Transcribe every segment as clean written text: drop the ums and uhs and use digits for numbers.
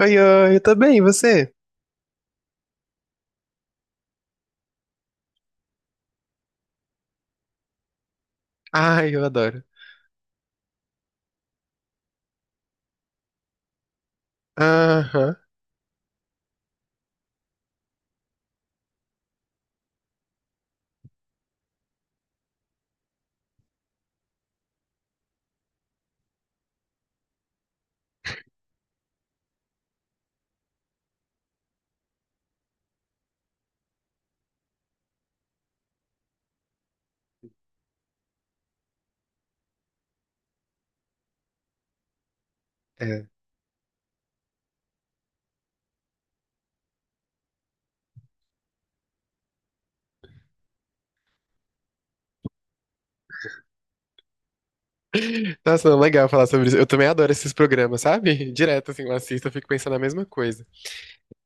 Oi, oi, eu tô bem, e você? Ai, eu adoro. Aham, é. Nossa, não, legal falar sobre isso. Eu também adoro esses programas, sabe? Direto, assim, eu assisto, eu fico pensando a mesma coisa.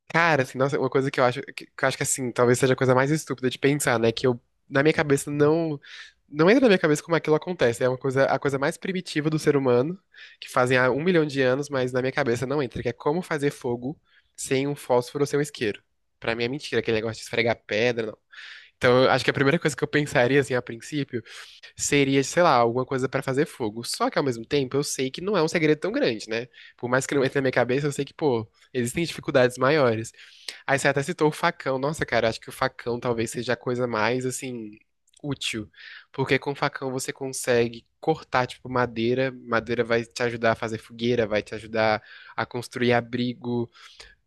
Cara, assim, nossa, uma coisa que eu acho, que eu acho que, assim, talvez seja a coisa mais estúpida de pensar, né? Que eu, na minha cabeça, não entra na minha cabeça como aquilo acontece. É uma coisa, a coisa mais primitiva do ser humano, que fazem há 1 milhão de anos, mas na minha cabeça não entra, que é como fazer fogo sem um fósforo ou sem um isqueiro. Pra mim é mentira, aquele negócio de esfregar pedra. Então, eu acho que a primeira coisa que eu pensaria, assim, a princípio, seria, sei lá, alguma coisa pra fazer fogo. Só que, ao mesmo tempo, eu sei que não é um segredo tão grande, né? Por mais que não entre na minha cabeça, eu sei que, pô, existem dificuldades maiores. Aí você até citou o facão. Nossa, cara, eu acho que o facão talvez seja a coisa mais, assim, útil. Porque com o facão você consegue cortar, tipo, madeira. Madeira vai te ajudar a fazer fogueira, vai te ajudar a construir abrigo,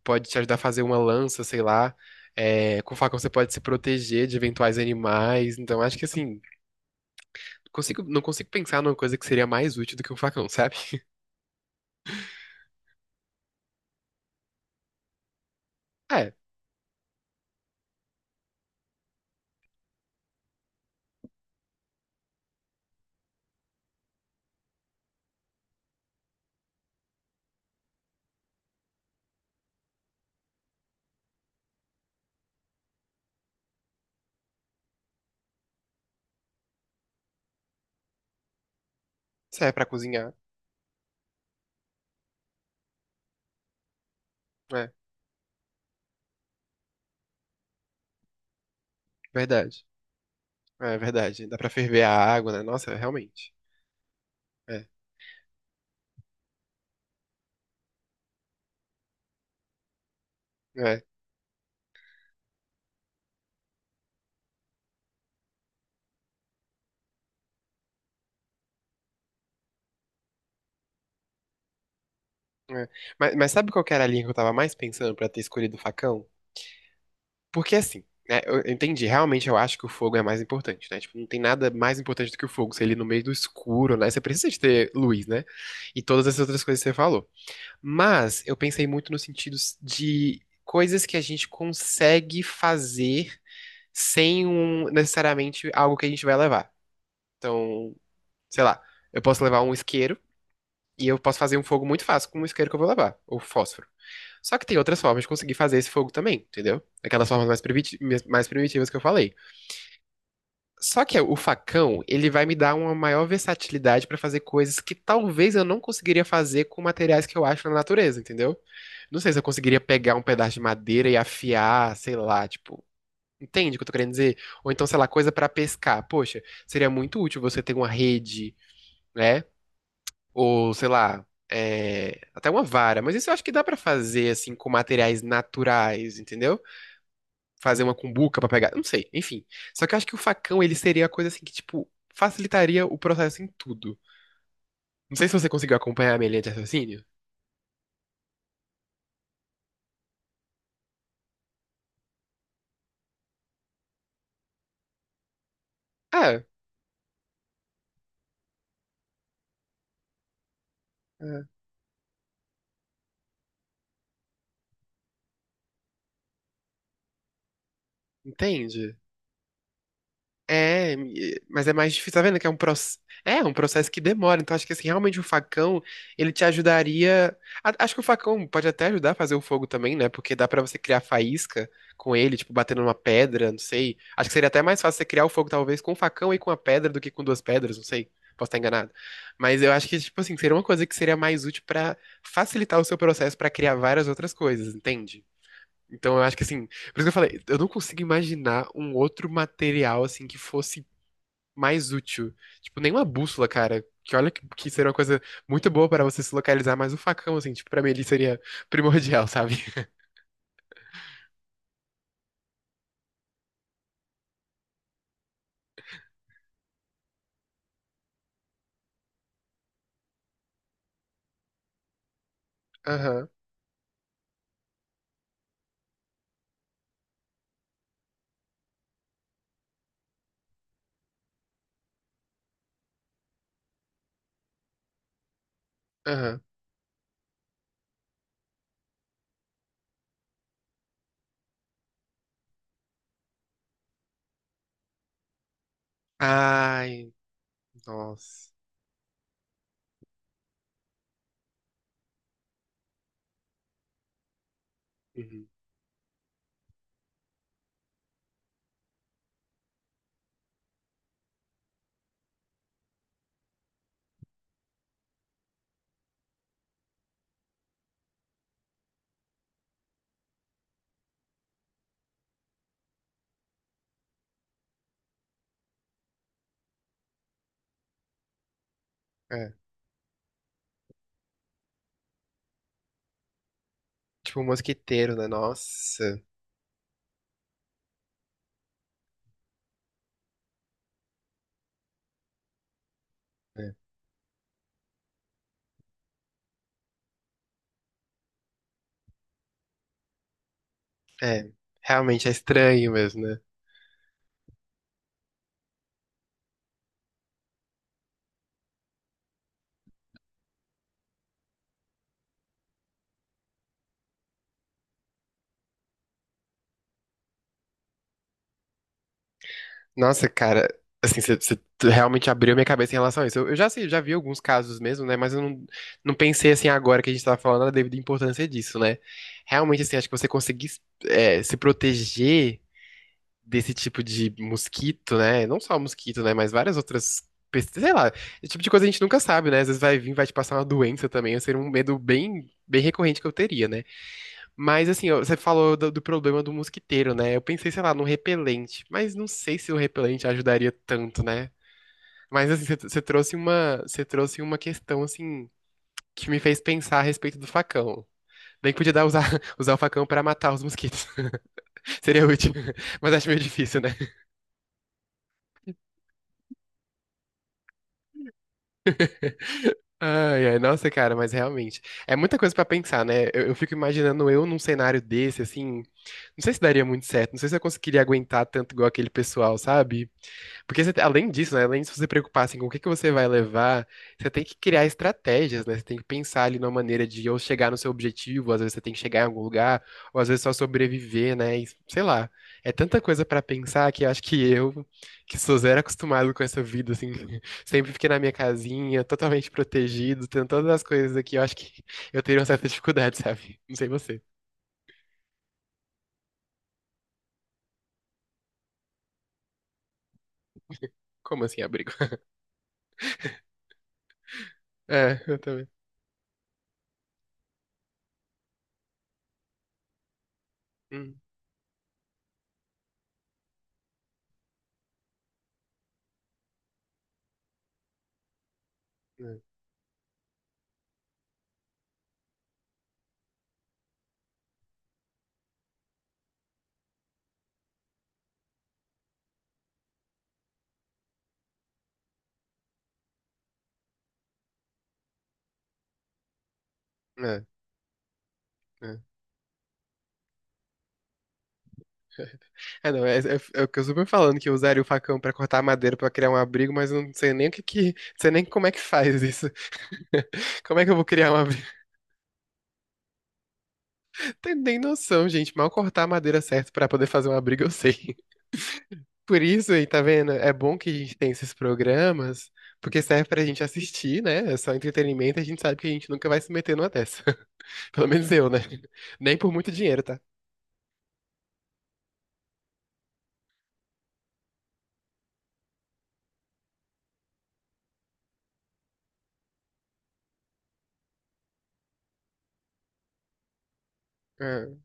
pode te ajudar a fazer uma lança, sei lá. É, com o facão você pode se proteger de eventuais animais. Então, acho que assim, não consigo pensar numa coisa que seria mais útil do que um facão, sabe? É, serve pra cozinhar. É, verdade. É verdade. Dá pra ferver a água, né? Nossa, realmente. É, é, é. Mas sabe qual que era a linha que eu tava mais pensando pra ter escolhido o facão? Porque assim, né, eu entendi, realmente eu acho que o fogo é mais importante, né? Tipo, não tem nada mais importante do que o fogo, se ele no meio do escuro, né? Você precisa de ter luz, né? E todas essas outras coisas que você falou. Mas eu pensei muito no sentido de coisas que a gente consegue fazer sem um, necessariamente algo que a gente vai levar. Então, sei lá, eu posso levar um isqueiro e eu posso fazer um fogo muito fácil com o isqueiro que eu vou levar, ou fósforo. Só que tem outras formas de conseguir fazer esse fogo também, entendeu? Aquelas formas mais mais primitivas que eu falei. Só que o facão, ele vai me dar uma maior versatilidade pra fazer coisas que talvez eu não conseguiria fazer com materiais que eu acho na natureza, entendeu? Não sei se eu conseguiria pegar um pedaço de madeira e afiar, sei lá, tipo, entende o que eu tô querendo dizer? Ou então, sei lá, coisa pra pescar. Poxa, seria muito útil você ter uma rede, né? Ou, sei lá, é, até uma vara. Mas isso eu acho que dá pra fazer assim com materiais naturais, entendeu? Fazer uma cumbuca pra pegar, não sei, enfim. Só que eu acho que o facão, ele seria a coisa assim que, tipo, facilitaria o processo em tudo. Não sei se você conseguiu acompanhar a minha linha de raciocínio. Ah, é, entende? É, mas é mais difícil, tá vendo que é um processo que demora, então acho que assim, realmente o facão, ele te ajudaria, acho que o facão pode até ajudar a fazer o fogo também, né, porque dá pra você criar faísca com ele, tipo, batendo numa pedra, não sei, acho que seria até mais fácil você criar o fogo talvez com o facão e com a pedra do que com duas pedras, não sei, posso estar enganado, mas eu acho que, tipo assim, seria uma coisa que seria mais útil pra facilitar o seu processo pra criar várias outras coisas, entende? Então eu acho que assim, por isso que eu falei, eu não consigo imaginar um outro material assim que fosse mais útil. Tipo, nenhuma bússola, cara. Que olha que seria uma coisa muito boa para você se localizar, mas o facão, assim, tipo, pra mim ele seria primordial, sabe? Aham, aham. Ai, nossa. Uhum. É. Tipo, um mosquiteiro, né? Nossa. É. É, realmente é estranho mesmo, né? Nossa, cara, assim, você realmente abriu minha cabeça em relação a isso. Eu já sei, já vi alguns casos mesmo, né? Mas eu não pensei assim agora que a gente tava falando da devida importância disso, né? Realmente, assim, acho que você conseguir se proteger desse tipo de mosquito, né? Não só mosquito, né? Mas várias outras. Sei lá, esse tipo de coisa a gente nunca sabe, né? Às vezes vai vir, vai te passar uma doença também. Esse seria um medo bem, bem recorrente que eu teria, né? Mas assim, ó, você falou do, do problema do mosquiteiro, né? Eu pensei, sei lá, num repelente, mas não sei se o repelente ajudaria tanto, né? Mas assim, você trouxe uma, você trouxe uma questão assim que me fez pensar a respeito do facão. Bem que podia dar usar, usar o facão pra matar os mosquitos. Seria útil, mas acho meio difícil, né? Ai, ai, nossa, cara, mas realmente é muita coisa pra pensar, né? Eu fico imaginando eu num cenário desse, assim, não sei se daria muito certo, não sei se eu conseguiria aguentar tanto igual aquele pessoal, sabe? Porque você, além disso, né, além de você preocupar assim, com o que que você vai levar, você tem que criar estratégias, né? Você tem que pensar ali numa maneira de ou chegar no seu objetivo, às vezes você tem que chegar em algum lugar, ou às vezes só sobreviver, né? E sei lá. É tanta coisa pra pensar que eu acho que eu, que sou zero acostumado com essa vida, assim, sempre fiquei na minha casinha, totalmente protegido, tendo todas as coisas aqui, eu acho que eu teria uma certa dificuldade, sabe? Não sei você. Como assim, abrigo? É, eu também. Hum, é, é, é. É, não, é o que eu super falando, que eu usaria o facão pra cortar madeira pra criar um abrigo, mas eu não sei nem o que que, não sei nem como é que faz isso. Como é que eu vou criar um abrigo? Não nem noção, gente. Mal cortar a madeira certo pra poder fazer um abrigo, eu sei. Por isso, aí, tá vendo? É bom que a gente tem esses programas, porque serve pra gente assistir, né? É só entretenimento, a gente sabe que a gente nunca vai se meter numa dessa. Pelo menos eu, né? Nem por muito dinheiro, tá? Ah,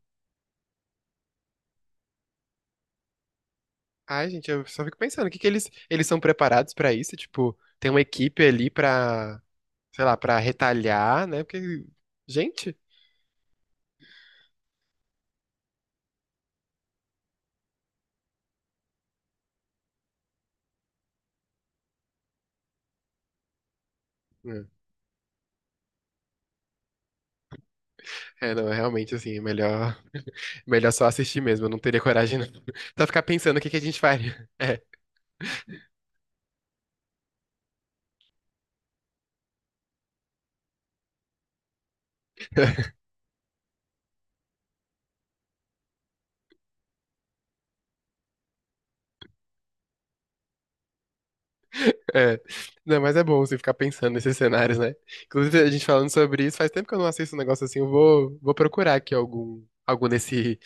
ai, gente, eu só fico pensando, o que que eles são preparados pra isso? Tipo, tem uma equipe ali pra sei lá, pra retalhar, né? Porque, gente, né? É, não, é realmente, assim, é melhor, melhor só assistir mesmo. Eu não teria coragem, não. Só ficar pensando o que que a gente faria. É, é. Não, mas é bom você ficar pensando nesses cenários, né? Inclusive, a gente falando sobre isso, faz tempo que eu não assisto um negócio assim. Eu vou procurar aqui algum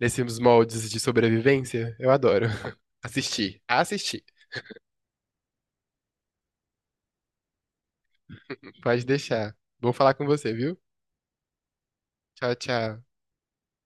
nesses moldes de sobrevivência. Eu adoro. Assistir. Assistir. Pode deixar. Bom falar com você, viu? Tchau, tchau.